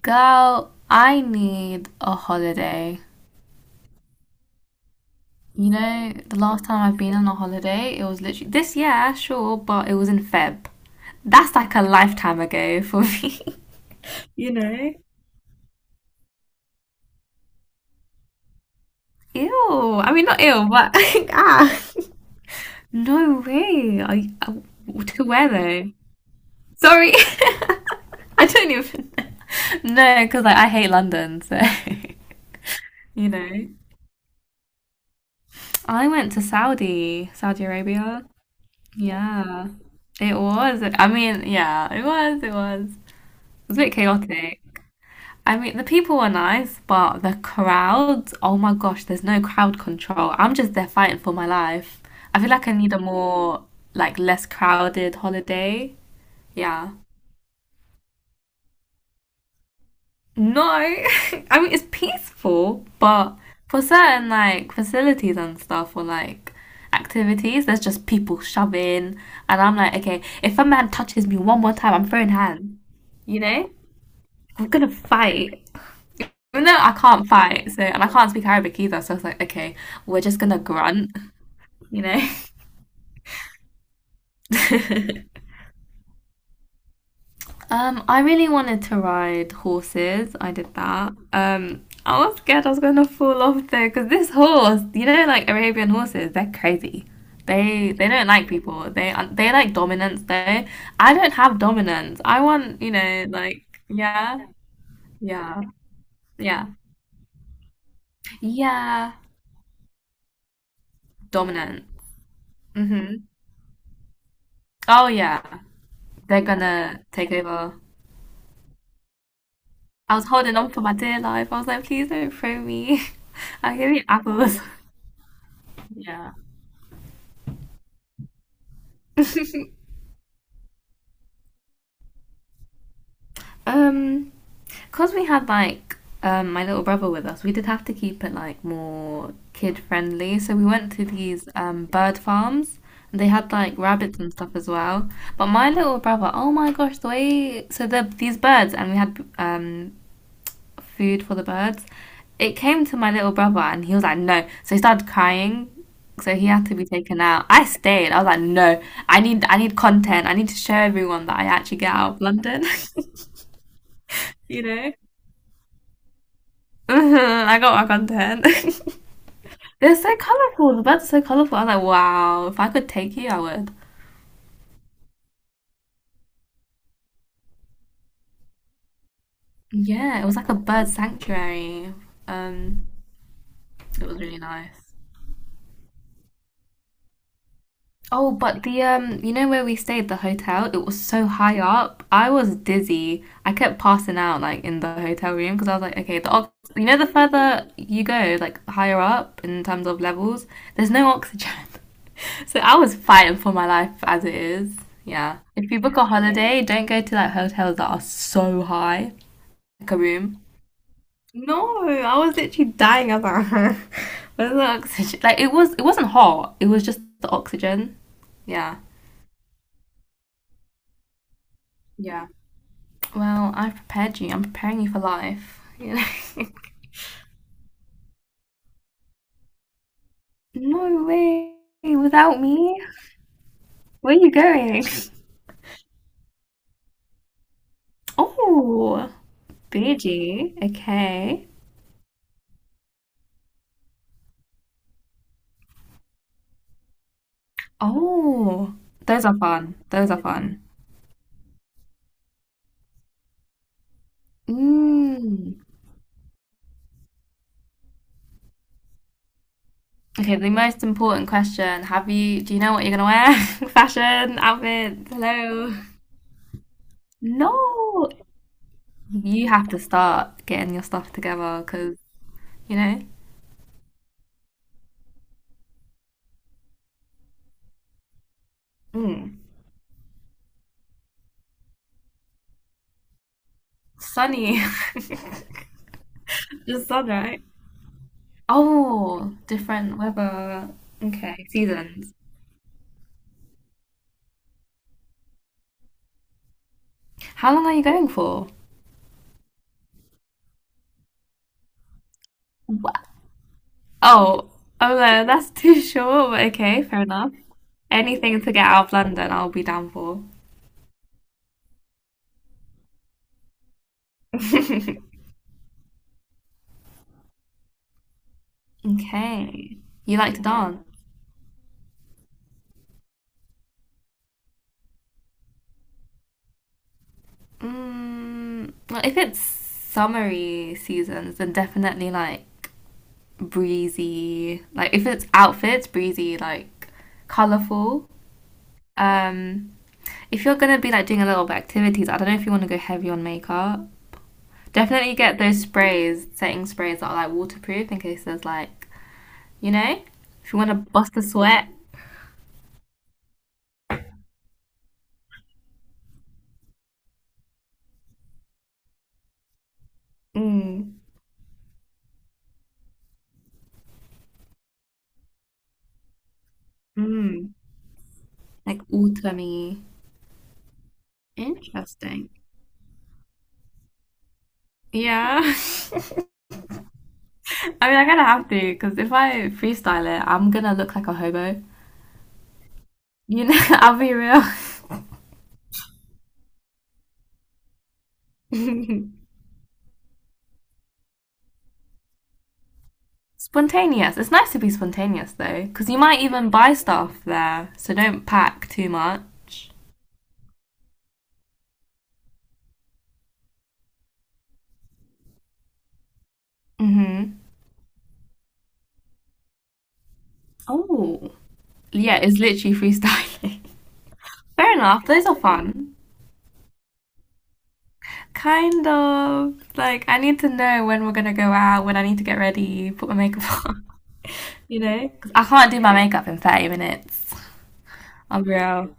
Girl, I need a holiday. You know, the last time I've been on a holiday, it was literally this year, sure, but it was in Feb. That's like a lifetime ago for me. You know? Ew. I mean, not ew, but ah. No way. I to where though? Sorry, I don't even know. No, because like I hate London, so you know. I went to Saudi Arabia. Yeah, it was. I mean, yeah, it was. It was a bit chaotic. I mean, the people were nice, but the crowds, oh my gosh, there's no crowd control. I'm just there fighting for my life. I feel like I need a more, like, less crowded holiday. Yeah. No, I mean it's peaceful, but for certain like facilities and stuff or like activities, there's just people shoving, and I'm like, okay, if a man touches me one more time, I'm throwing hands. You know, I'm gonna fight. Even though I can't fight, so and I can't speak Arabic either, so I was like, okay, we're just gonna grunt. You know. I really wanted to ride horses. I did that. I was scared I was gonna fall off though, because this horse, you know, like Arabian horses, they're crazy. They don't like people. They like dominance though. I don't have dominance. I want, you know, like yeah, yeah, yeah, yeah, dominant. Mhm. Oh yeah, they're gonna take over. I was holding on for my dear life. I was like, please don't throw me. I'll give you apples. Yeah. Um, because we had like my little brother with us, we did have to keep it like more kid friendly. So we went to these bird farms and they had like rabbits and stuff as well. But my little brother, oh my gosh, the way so these birds and we had food for the birds. It came to my little brother and he was like, no. So he started crying. So he had to be taken out. I stayed. I was like, no, I need content. I need to show everyone that I actually get out of London, you know? Mhm, I got my content. They're so colourful. The birds are so colourful. I was like, wow, if I could take you, I would. Yeah, it was like a bird sanctuary. Um, it was really nice. Oh, but the you know where we stayed, the hotel, it was so high up. I was dizzy. I kept passing out like in the hotel room because I was like, okay, the ox you know the further you go, like higher up in terms of levels, there's no oxygen. So I was fighting for my life as it is. Yeah. If you book a holiday, don't go to like hotels that are so high, like a room. No, I was literally dying. I was like, where's the oxygen? Like it was, it wasn't hot. It was just the oxygen. Yeah. Yeah. Well, I prepared you. I'm preparing you for life. You know? No way. Without me, where are you going? Oh, Beijing. Okay. Oh, those are fun. Those are fun. Mm. Okay, the most important question. Have you, do you know what you're gonna wear? Fashion, outfit, hello. No, you have to start getting your stuff together because, you know, mm, sunny. The sun, right? Oh, different weather. Okay, seasons. How long are you going for? Wha Oh, oh no, that's too short, but okay, fair enough. Anything to get out of London, I'll be down for. Okay. You like to, yeah, dance? Mm, well, if it's summery seasons, then definitely like breezy. Like if it's outfits, breezy, like colorful. Um, if you're gonna be like doing a little bit of activities, I don't know if you want to go heavy on makeup. Definitely get those sprays, setting sprays that are like waterproof in case there's like, you know, if you want to bust a sweat. Mm, mm, like autumny. Interesting. Yeah. I mean, I'm gonna have to because if I freestyle it, I'm gonna look like a hobo. You know, I'll be real. Spontaneous. It's nice to be spontaneous though, because you might even buy stuff there. So don't pack too much. Mhm. Oh, yeah, it's literally freestyling. Fair enough. Those are fun. Kind of like I need to know when we're gonna go out, when I need to get ready, put my makeup on. You know, 'cause I can't do my makeup in 30 minutes. I'm real.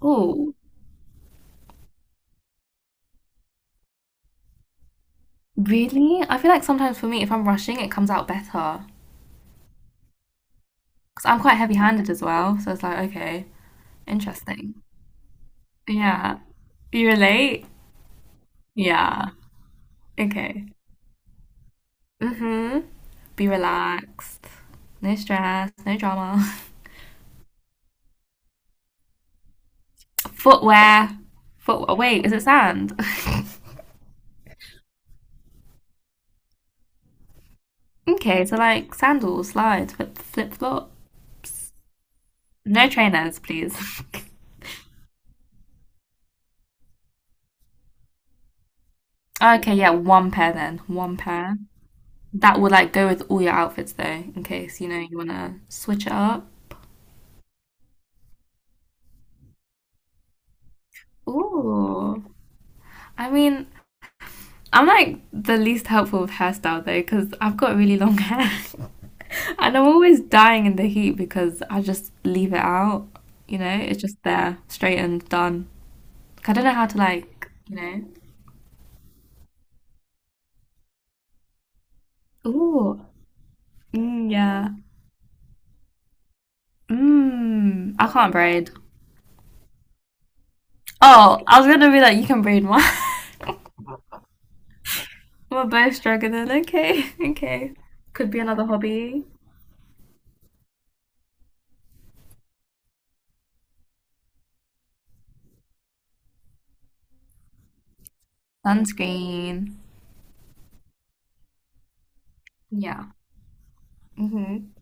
Oh, really? I feel like sometimes for me, if I'm rushing, it comes out better. Because I'm quite heavy-handed as well. So it's like, okay, interesting. Yeah. You relate? Yeah. Okay. Mm-hmm. Be relaxed. No stress, no drama. Footwear. Footwear. Wait, is it sand? Okay, so like sandals, slides, flip-flops. No trainers, please. Okay, yeah, one pair then. One pair. That would like go with all your outfits though, in case you know you want to switch it up. Ooh. I mean, I'm like the least helpful with hairstyle though, because I've got really long hair. And I'm always dying in the heat because I just leave it out, you know? It's just there, straightened, done. Like, I don't know how to like, you know? Ooh. Mm, yeah. Mmm, I can't braid. Oh, I was gonna be like, you can braid one. We're both struggling. Okay, okay. Could be another hobby. Sunscreen. Yeah. Hmm.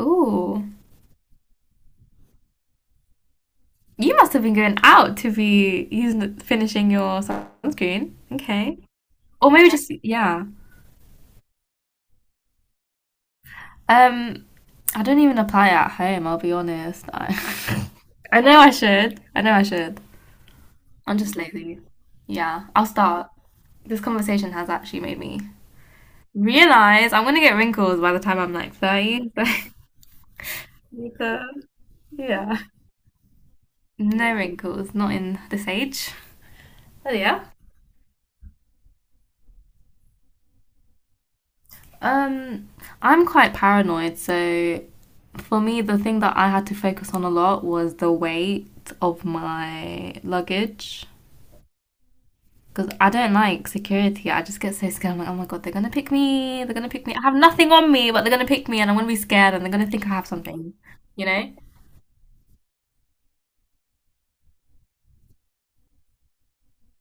Ooh, you must have been going out to be using finishing your sunscreen. Okay, or maybe just yeah. Um, I don't even apply at home. I'll be honest. I, I know I should. I know I should. I'm just lazy. Yeah, I'll start. This conversation has actually made me realize I'm gonna get wrinkles by the time I'm like 30. So, yeah, no wrinkles, not in this age. Oh yeah. Um, I'm quite paranoid, so for me, the thing that I had to focus on a lot was the weight of my luggage. Because I don't like security. I just get so scared. I'm like, oh my god, they're gonna pick me. They're gonna pick me. I have nothing on me, but they're gonna pick me, and I'm gonna be scared, and they're gonna think I have something. You know?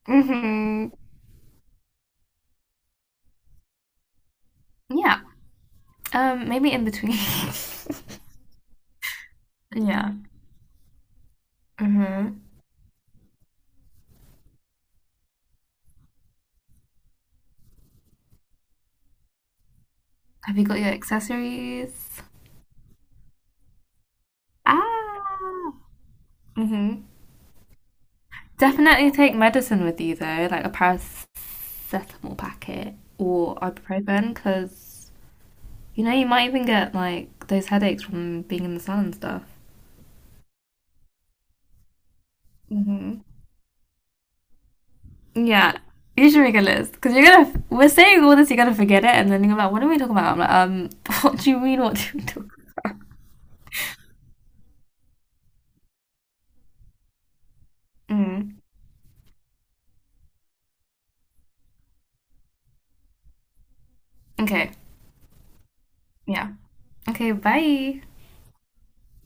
Hmm. Yeah. Maybe in between. Yeah. Hmm. Have you got your accessories? Ah. Hmm. Definitely take medicine with you though, like a paracetamol packet or ibuprofen, because you know you might even get like those headaches from being in the sun and stuff. Mm-hmm. Yeah, you should make a list because you're gonna. We're saying all this, you're gonna forget it, and then you're gonna be like, "What are we talking about?" I'm like, what do you mean? What do we talk?" Mm. Okay, yeah, okay, bye.